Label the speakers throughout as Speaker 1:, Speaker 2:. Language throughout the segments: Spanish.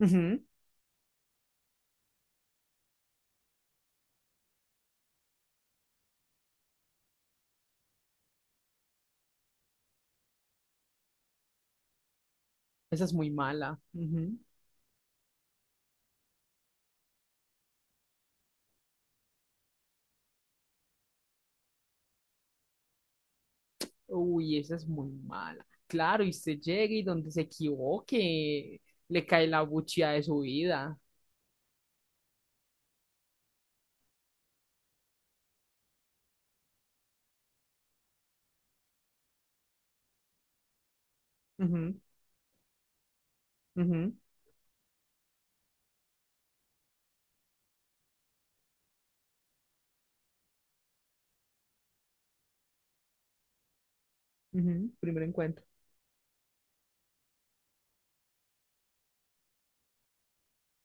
Speaker 1: Ujú. Esa es muy mala. Ujú. Uy, esa es muy mala. Claro, y usted llega y donde se equivoque, le cae la buchía de su vida. Ujú, ujú, ujú, primer encuentro.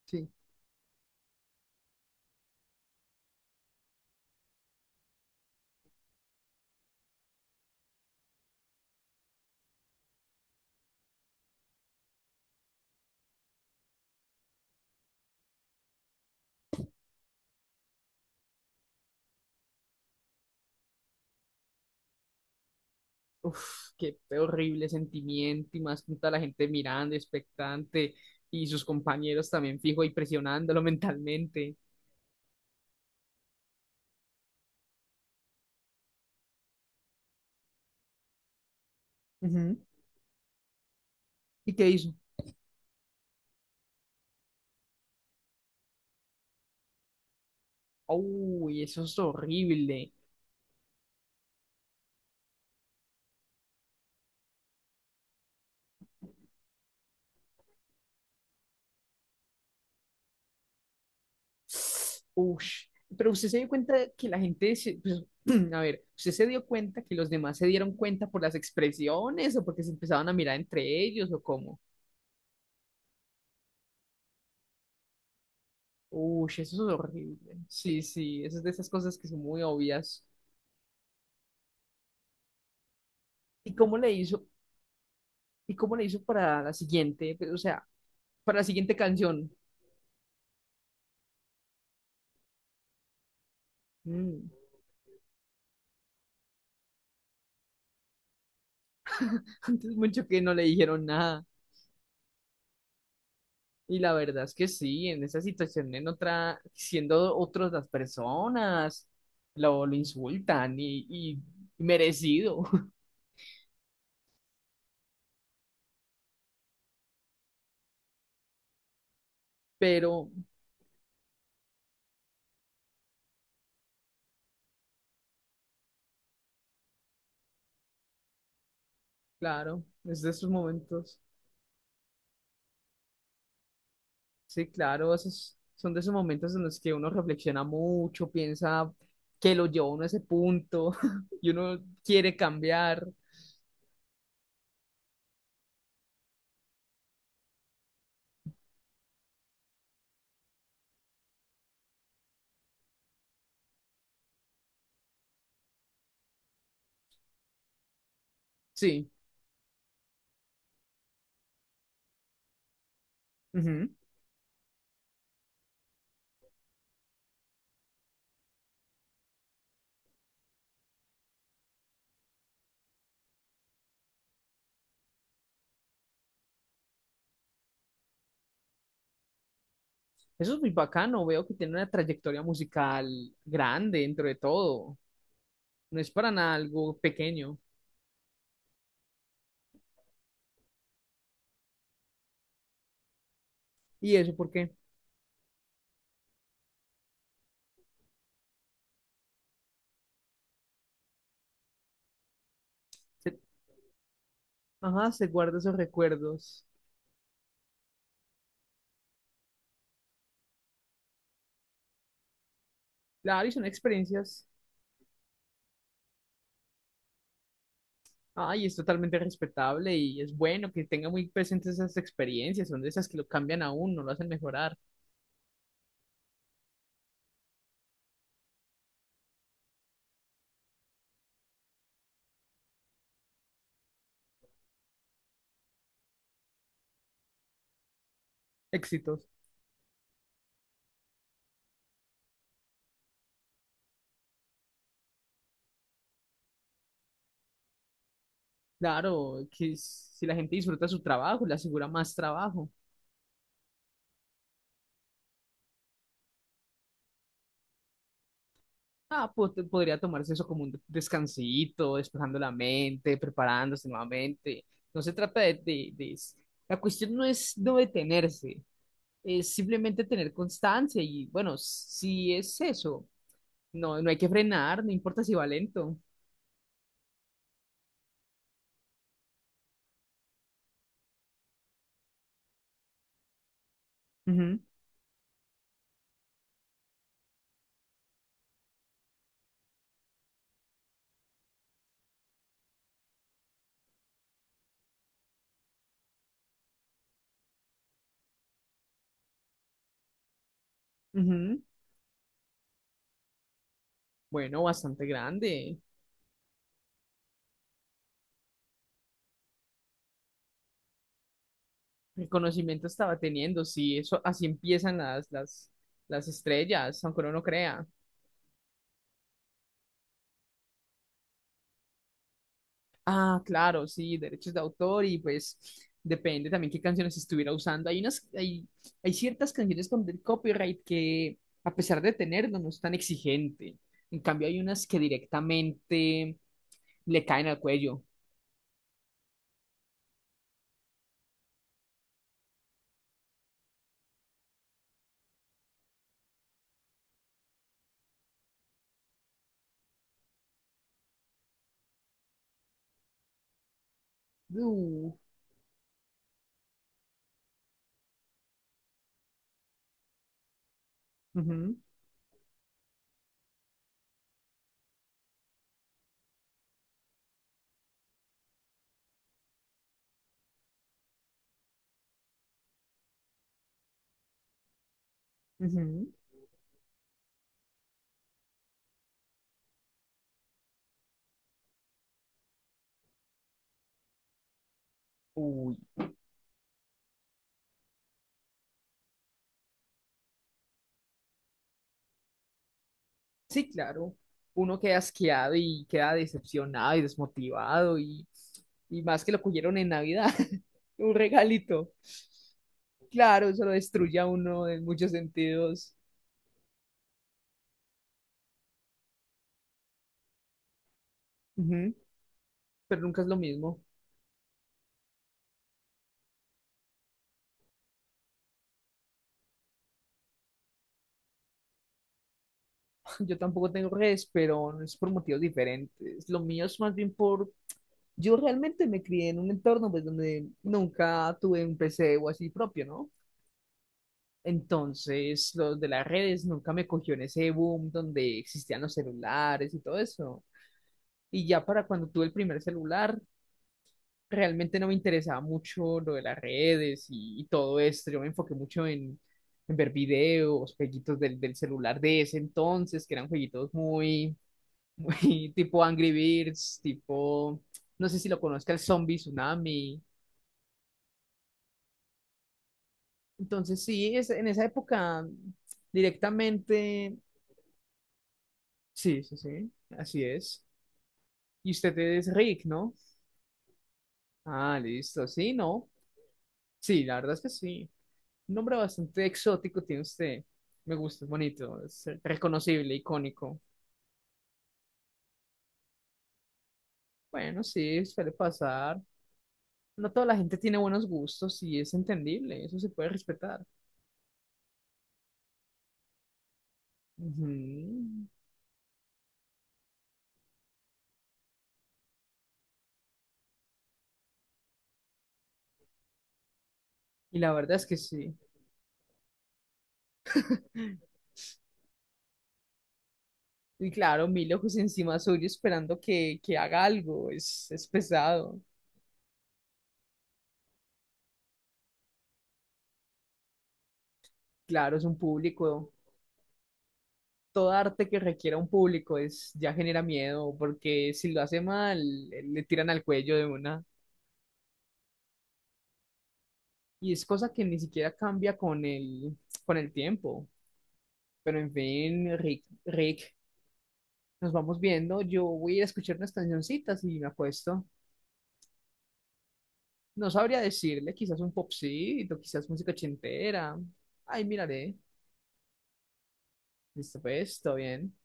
Speaker 1: Sí. Uf, qué horrible sentimiento. Y más con toda la gente mirando, expectante, y sus compañeros también fijo y presionándolo mentalmente. Ujú. ¿Y qué hizo? Uy, eso es horrible. Ush. Pero usted se dio cuenta que la gente, se- pues, a ver, usted se dio cuenta que los demás se dieron cuenta por las expresiones o porque se empezaban a mirar entre ellos o cómo. Ush, eso es horrible. Sí, sí, eso es de esas cosas que son muy obvias. ¿Y cómo le hizo? ¿Y cómo le hizo para la siguiente? Pues, o sea, para la siguiente canción. Mm. Antes mucho que no le dijeron nada. Y la verdad es que sí, en esa situación, en otra, siendo otras las personas, lo insultan y merecido. Pero, claro, es de esos momentos. Sí, claro, esos son de esos momentos en los que uno reflexiona mucho, piensa que lo llevó uno a ese punto y uno quiere cambiar. Sí, ujú. Eso es muy bacano. Veo que tiene una trayectoria musical grande dentro de todo. No es para nada algo pequeño. ¿Y eso porque? Se, ajá, se guarda esos recuerdos. Claro, y son experiencias. Ah, y es totalmente respetable y es bueno que tenga muy presentes esas experiencias. Son de esas que lo cambian a uno, lo hacen mejorar. Éxitos. Claro, que s- si la gente disfruta su trabajo, le asegura más trabajo. Ah, po- podría tomarse eso como un descansito, despejando la mente, preparándose nuevamente. No se trata de s- la cuestión no es no detenerse, es simplemente tener constancia y bueno, si es eso, no, no hay que frenar, no importa si va lento. Ujú, ujú. Bueno, bastante grande. El conocimiento estaba teniendo, sí, eso así empiezan las estrellas, aunque uno no crea. Ah, claro, sí, derechos de autor y pues depende también qué canciones estuviera usando. Hay unas, hay ciertas canciones con del copyright que a pesar de tenerlo no es tan exigente. En cambio hay unas que directamente le caen al cuello. Uh, ujú, ujú. Uy. Sí, claro. Uno queda asqueado y queda decepcionado y desmotivado y más que lo cogieron en Navidad, un regalito. Claro, eso lo destruye a uno en muchos sentidos. Ujú. Pero nunca es lo mismo. Yo tampoco tengo redes, pero no es por motivos diferentes. Lo mío es más bien por... yo realmente me crié en un entorno pues, donde nunca tuve un PC o así propio, ¿no? Entonces, los de las redes nunca me cogió en ese boom donde existían los celulares y todo eso. Y ya para cuando tuve el primer celular, realmente no me interesaba mucho lo de las redes y todo esto. Yo me enfoqué mucho en ver videos, jueguitos del, del celular de ese entonces, que eran jueguitos muy, muy tipo Angry Birds, tipo, no sé si lo conozca, el Zombie Tsunami. Entonces, sí, es, en esa época directamente, sí, sí, sí, así es. Y usted es Rick, ¿no? Ah, listo. Sí, ¿no? Sí, la verdad es que sí. Un nombre bastante exótico tiene usted. Me gusta, es bonito, es reconocible, icónico. Bueno, sí, suele pasar. No toda la gente tiene buenos gustos y es entendible, eso se puede respetar. Ujú. Y la verdad es que sí. Y claro, mil ojos encima suyo esperando que haga algo, es pesado. Claro, es un público, todo arte que requiera un público es, ya genera miedo, porque si lo hace mal, le tiran al cuello de una. Y es cosa que ni siquiera cambia con el tiempo. Pero en fin, Rick, Rick, nos vamos viendo. Yo voy a ir a escuchar unas cancioncitas y me acuesto. No sabría decirle, quizás un popcito, quizás música ochentera. Ay, miraré. Listo, pues, todo bien.